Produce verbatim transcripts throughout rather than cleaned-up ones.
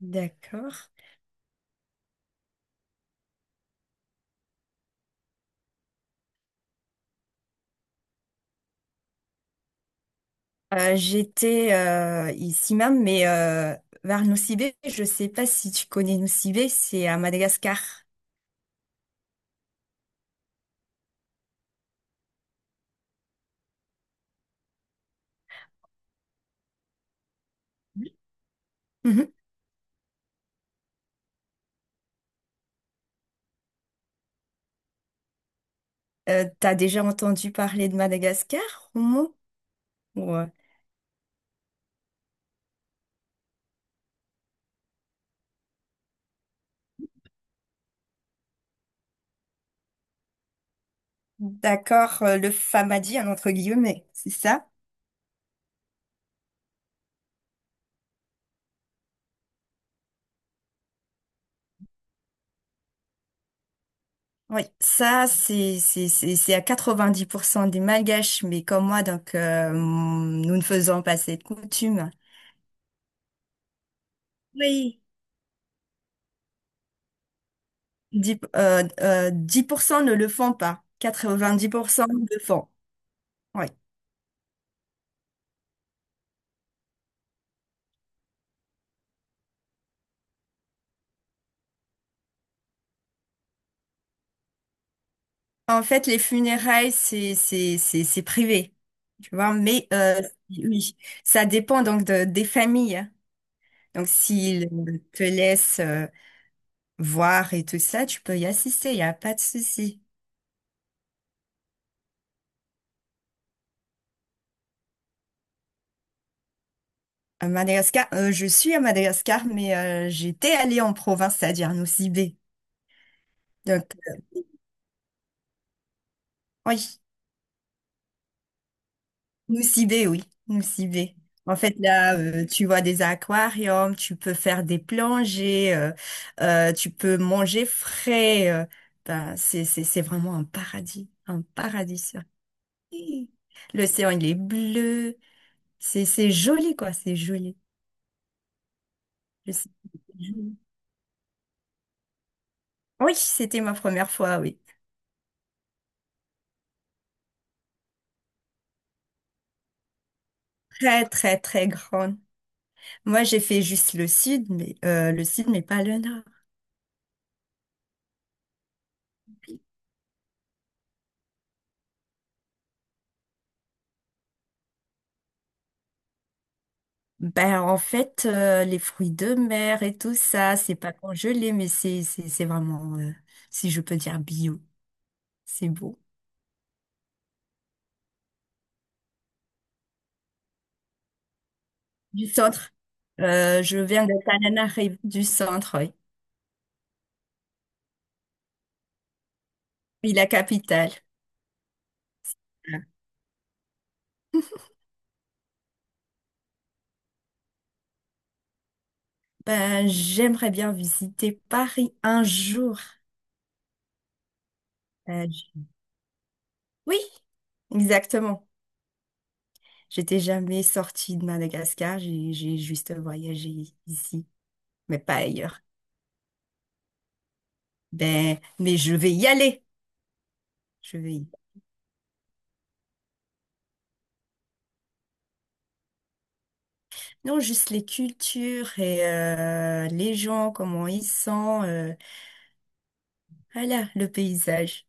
D'accord. Euh, j'étais euh, ici même, mais euh, vers Nocibé. Je sais pas si tu connais Nocibé, c'est à Madagascar. Oui. Mhm. Euh, t'as déjà entendu parler de Madagascar, au moins? Ouais. D'accord, euh, le Famadian, entre guillemets, c'est ça? Oui, ça, c'est, c'est, c'est, c'est à quatre-vingt-dix pour cent des Malgaches, mais comme moi, donc euh, nous ne faisons pas cette coutume. Oui. dix euh, euh, dix pour cent ne le font pas. quatre-vingt-dix pour cent le font. Oui. En fait, les funérailles, c'est, c'est, c'est, c'est privé, tu vois. Mais euh, oui, ça dépend donc de- des familles, hein. Donc, s'ils te laissent euh, voir et tout ça, tu peux y assister, il n'y a pas de souci. À Madagascar, euh, je suis à Madagascar, mais euh, j'étais allée en province, c'est-à-dire à Nosy Be. Donc, oui. Moussibé, oui, Moussibé. En fait, là, euh, tu vois des aquariums, tu peux faire des plongées, euh, euh, tu peux manger frais. euh, ben, c'est, c'est, c'est vraiment un paradis, un paradis sur Terre. L'océan, il est bleu. C'est, c'est joli, quoi, c'est joli. Je sais- que c'est joli. Oui, c'était ma première fois, oui. Très, très, très grande. Moi, j'ai fait juste le sud, mais euh, le sud, mais pas le nord. Ben, en fait, euh, les fruits de mer et tout ça, c'est pas congelé, mais c'est, c'est, c'est vraiment, euh, si je peux dire, bio. C'est beau. Du centre. Euh, je viens de Tananarive, du centre, oui. Oui, la capitale. Ben, j'aimerais bien visiter Paris un jour. Euh, j- oui, exactement. J'étais jamais sortie de Madagascar, j'ai, j'ai juste voyagé ici, mais pas ailleurs. Ben, mais je vais y aller. Je vais y non, juste les cultures et euh, les gens, comment ils sont, euh, voilà, le paysage.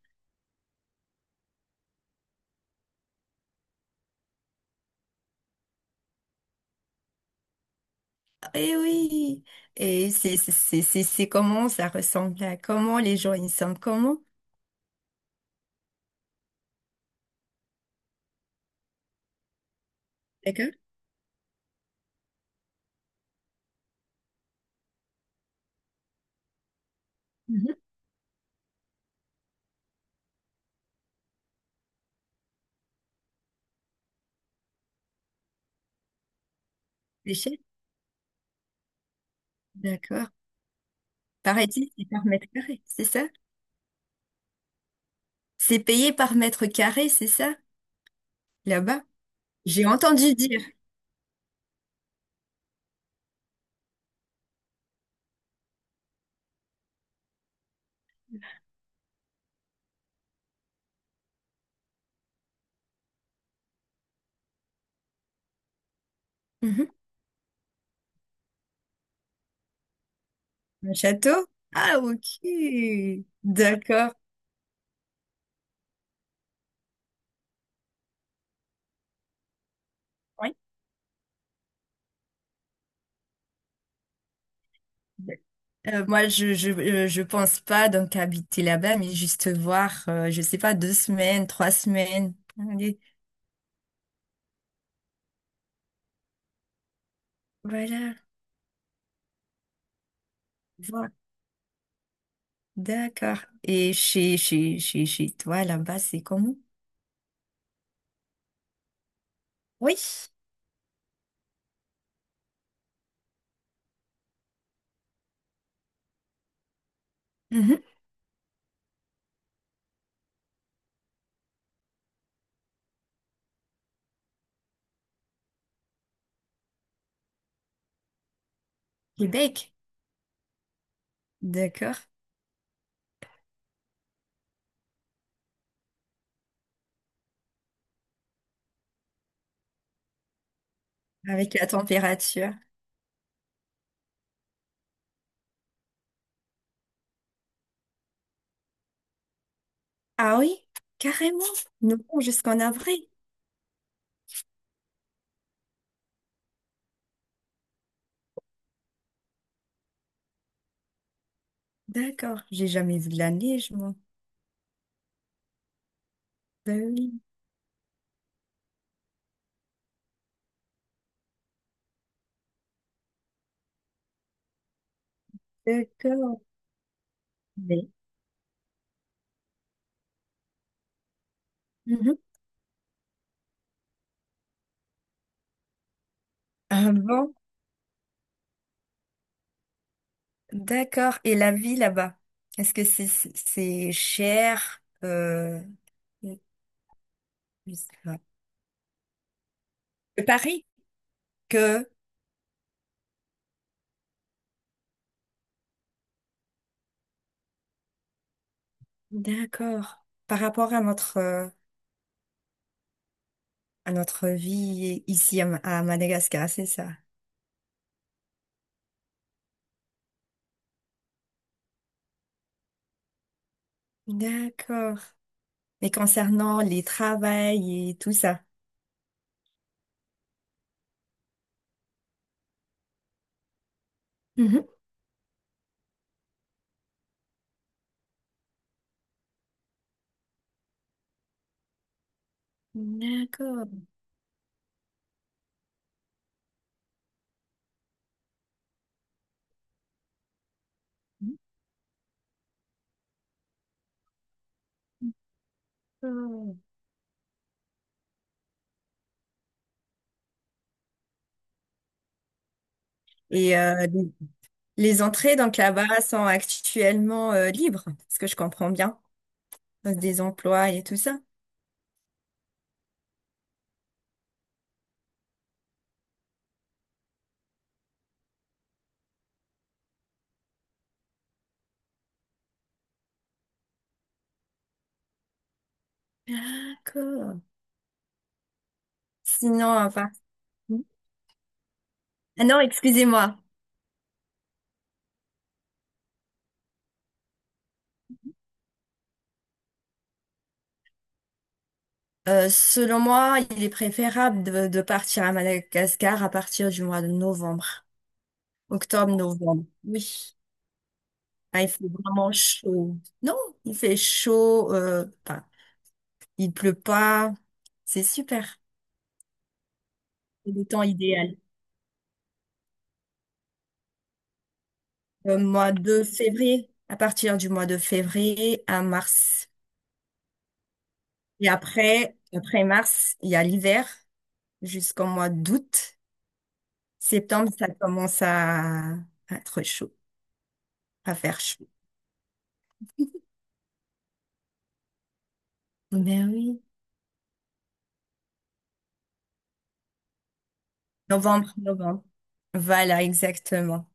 Et oui, et c'est c'est c'est c'est- c'est comment ça ressemble à comment les gens ils sont, comment. D'accord? Mhm. Les chefs, d'accord. Pareil, c'est par mètre carré, c'est ça? C'est payé par mètre carré, c'est ça? Là-bas? J'ai entendu dire. Mhm. Un château? Ah, ok. D'accord. Oui. Euh, moi, je, je, euh, je pense pas donc habiter là-bas, mais juste voir, euh, je sais pas, deux semaines, trois semaines. Allez, voilà, voilà. D'accord. Et chez, chez, chez, chez toi, là-bas, c'est comment? Oui, mhm. Québec. D'accord. Avec la température. Ah oui, carrément. Nous bon, jusqu'en avril. D'accord. J'ai jamais vu de la neige, moi. Ben oui, d'accord. Mais, mhm. Ah bon? D'accord. Et la vie là-bas, est-ce que c'est c'est c'est cher euh, je sais pas. Euh, Paris? Que d'accord par rapport à notre euh, à notre vie ici à, Ma- à Madagascar, c'est ça. D'accord. Mais concernant les travails et tout ça. Mhm. D'accord. D'accord. Et euh, les les entrées donc là-bas sont actuellement euh, libres, ce que je comprends bien, des emplois et tout ça. D'accord. Sinon, enfin... Ah non, excusez-moi. Euh, selon moi, il est préférable de, de partir à Madagascar à partir du mois de novembre. Octobre, novembre. Oui. Ah, il fait vraiment chaud. Non, il fait chaud. Euh, enfin, il pleut pas. C'est super. C'est le temps idéal. Le mois de février. À partir du mois de février à mars. Et après, après mars, il y a l'hiver jusqu'au mois d'août. Septembre, ça commence à, à être chaud, à faire chaud. Ben oui. Novembre, novembre. Voilà, exactement.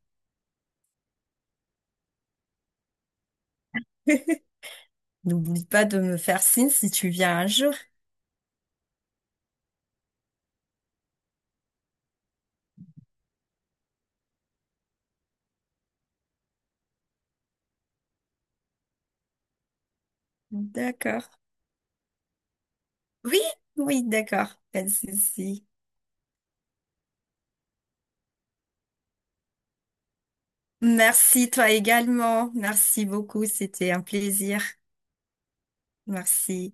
N'oublie pas de me faire signe si tu viens un jour. D'accord. Oui, oui, d'accord. Pas de souci. Merci, toi également. Merci beaucoup. C'était un plaisir. Merci.